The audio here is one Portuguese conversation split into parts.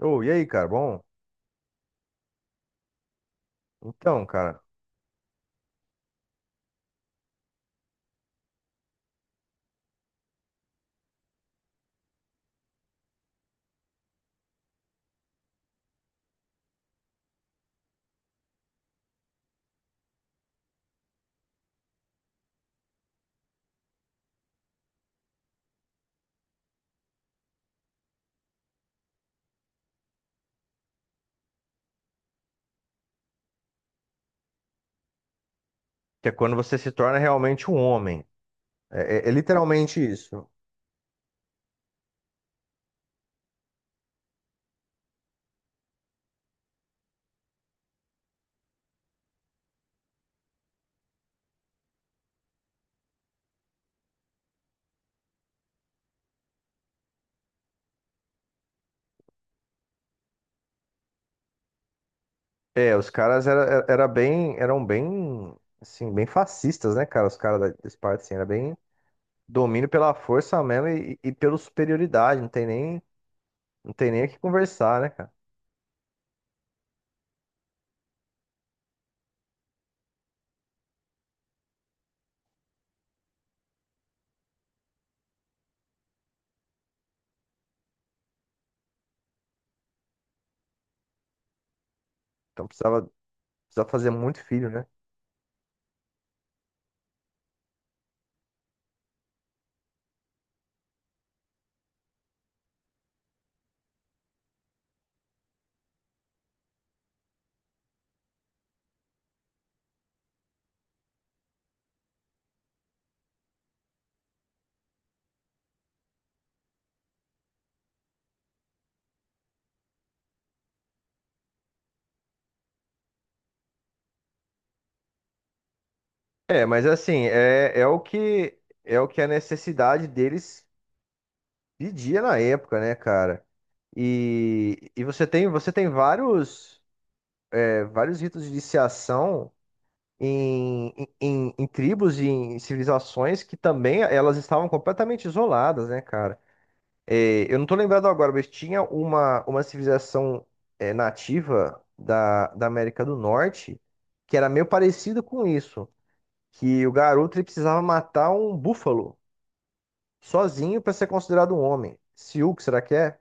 Ô, e aí, cara? Bom, então, cara, que é quando você se torna realmente um homem. É literalmente isso. É, os caras eram bem, assim, bem fascistas, né, cara? Os caras da Esparta, assim, era bem domínio pela força mesmo e pela superioridade. Não tem nem o que conversar, né, cara? Então precisava, precisava fazer muito filho, né? É, mas assim, é o que é o que a necessidade deles pedia na época, né, cara? E você tem vários. É, vários ritos de iniciação em, em tribos e em civilizações que também elas estavam completamente isoladas, né, cara? É, eu não tô lembrado agora, mas tinha uma civilização é, nativa da América do Norte, que era meio parecida com isso, que o garoto ele precisava matar um búfalo sozinho para ser considerado um homem. Sioux, será que é?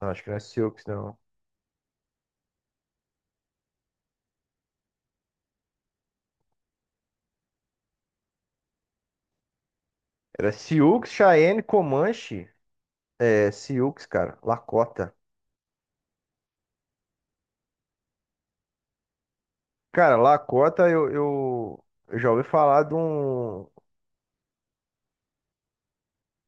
Não, acho que não é Sioux, não. Era Sioux, Cheyenne, Comanche. É Sioux, cara. Lakota. Cara, Lakota, eu já ouvi falar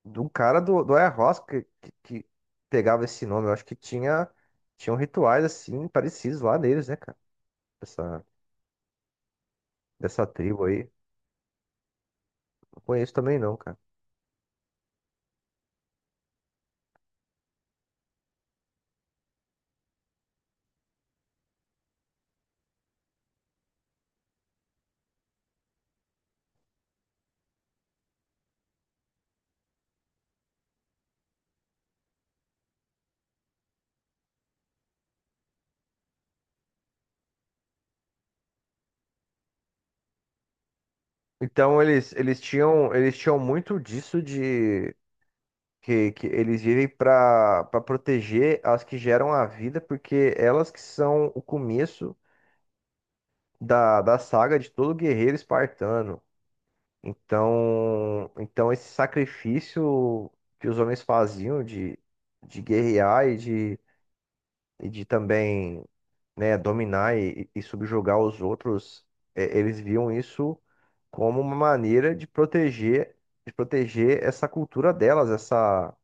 de um cara do, do Air House que pegava esse nome. Eu acho que tinha, tinham rituais assim parecidos lá neles, né, cara? Dessa, dessa tribo aí. Não conheço também não, cara. Então eles tinham muito disso de que eles vivem para proteger as que geram a vida, porque elas que são o começo da saga de todo guerreiro espartano. Então esse sacrifício que os homens faziam de guerrear e de também, né, dominar e subjugar os outros, é, eles viam isso como uma maneira de proteger essa cultura delas,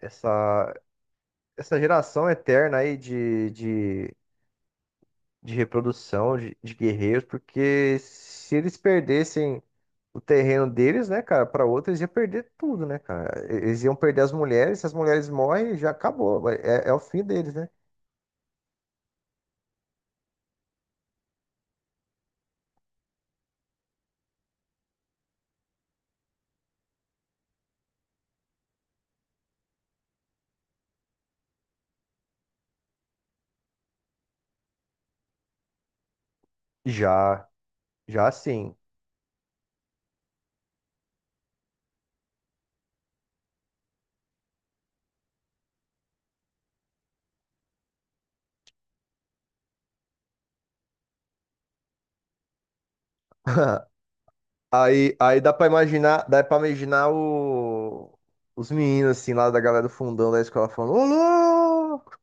essa, essa geração eterna aí de reprodução de guerreiros, porque se eles perdessem o terreno deles, né, cara, para outros ia perder tudo, né, cara? E- eles iam perder as mulheres, se as mulheres morrem, já acabou, é o fim deles, né? Já, já sim. Aí dá pra imaginar, dá para imaginar os meninos assim lá da galera do fundão da escola falando: "Ô, louco,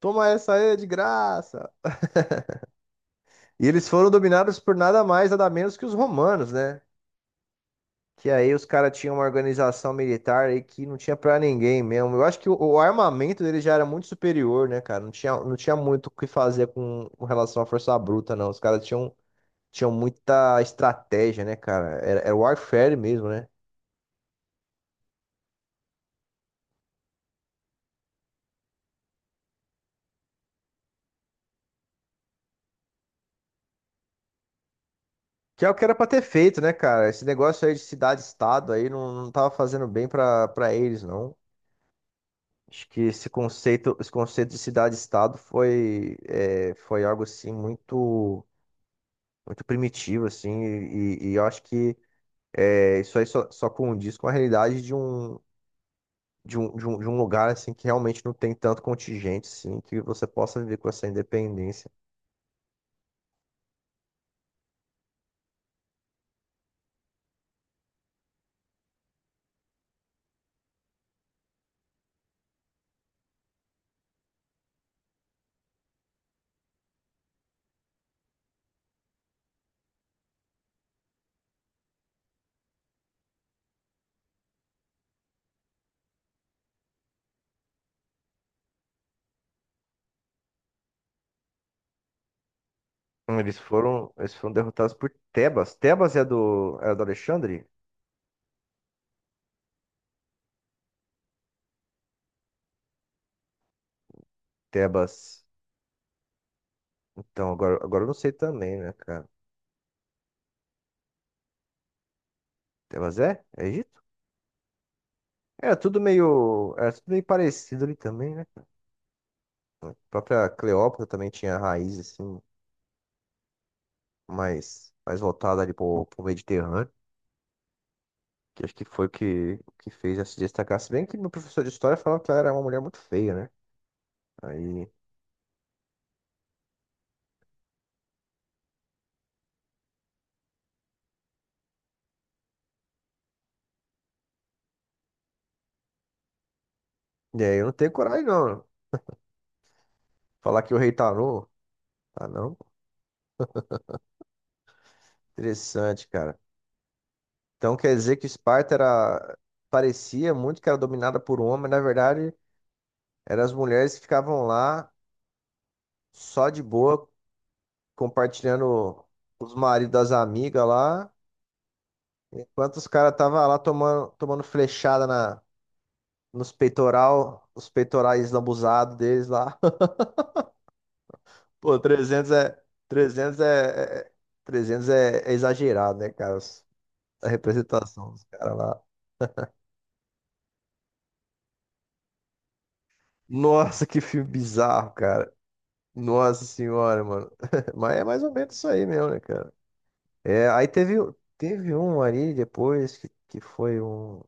toma essa aí é de graça". E eles foram dominados por nada mais, nada menos que os romanos, né? Que aí os caras tinham uma organização militar aí que não tinha pra ninguém mesmo. Eu acho que o armamento dele já era muito superior, né, cara? Não tinha muito o que fazer com relação à força bruta, não. Os caras tinham, tinham muita estratégia, né, cara? Era warfare mesmo, né? Que é o que era pra ter feito, né, cara? Esse negócio aí de cidade-estado aí não, não tava fazendo bem pra eles, não. Acho que esse conceito de cidade-estado foi, é, foi algo, assim, muito, muito primitivo, assim, e eu acho que é, isso aí só, só condiz com a realidade de um lugar assim que realmente não tem tanto contingente assim, que você possa viver com essa independência. Eles foram, eles foram derrotados por Tebas. Tebas é do Alexandre? Tebas. Então, agora, agora eu não sei também, né, cara? Tebas é? É Egito? Era tudo meio parecido ali também, né? A própria Cleópatra também tinha raiz assim, mais, mais voltada ali pro, pro Mediterrâneo. Que acho que foi o que fez ela se destacar. Se bem que meu professor de história falou que ela era uma mulher muito feia, né? Aí, e aí eu não tenho coragem, não. Falar que o rei tá Tarô. Tá não? Interessante, cara. Então quer dizer que Esparta era. Parecia muito que era dominada por homem, mas na verdade eram as mulheres que ficavam lá só de boa, compartilhando os maridos das amigas lá, enquanto os caras estavam lá tomando, tomando flechada na, nos peitoral, os peitorais lambuzados deles lá. Pô, 300 é, é- 300 é, é exagerado, né, cara? Os- a representação dos caras lá. Nossa, que filme bizarro, cara. Nossa senhora, mano. Mas é mais ou menos isso aí mesmo, né, cara? É, aí teve, teve um ali depois que foi um.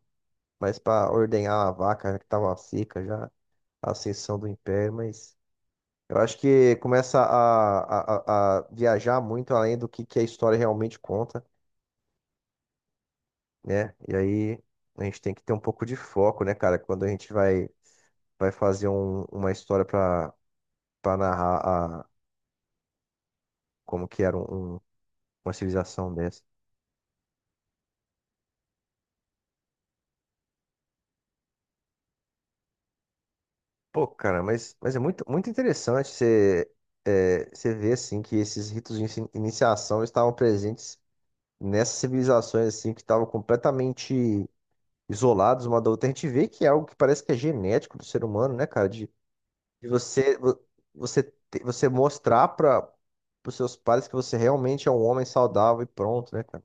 Mas pra ordenhar a vaca que tava seca já, a ascensão do império, mas eu acho que começa a viajar muito além do que a história realmente conta. Né? E aí a gente tem que ter um pouco de foco, né, cara? Quando a gente vai, vai fazer um- uma história pra para narrar a, como que era um- um- uma civilização dessa. Pô, cara, mas é muito, muito interessante você, é, você ver, assim, que esses ritos de inici- iniciação estavam presentes nessas civilizações, assim, que estavam completamente isolados uma da outra. A gente vê que é algo que parece que é genético do ser humano, né, cara? De você, vo- você, te- você mostrar para os seus pais que você realmente é um homem saudável e pronto, né, cara?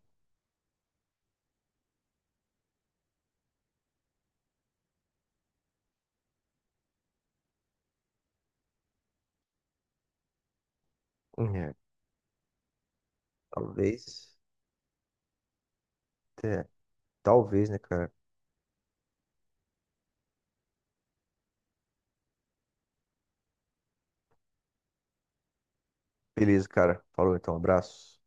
É, talvez, é, talvez, né, cara? Beleza, cara. Falou então, abraço.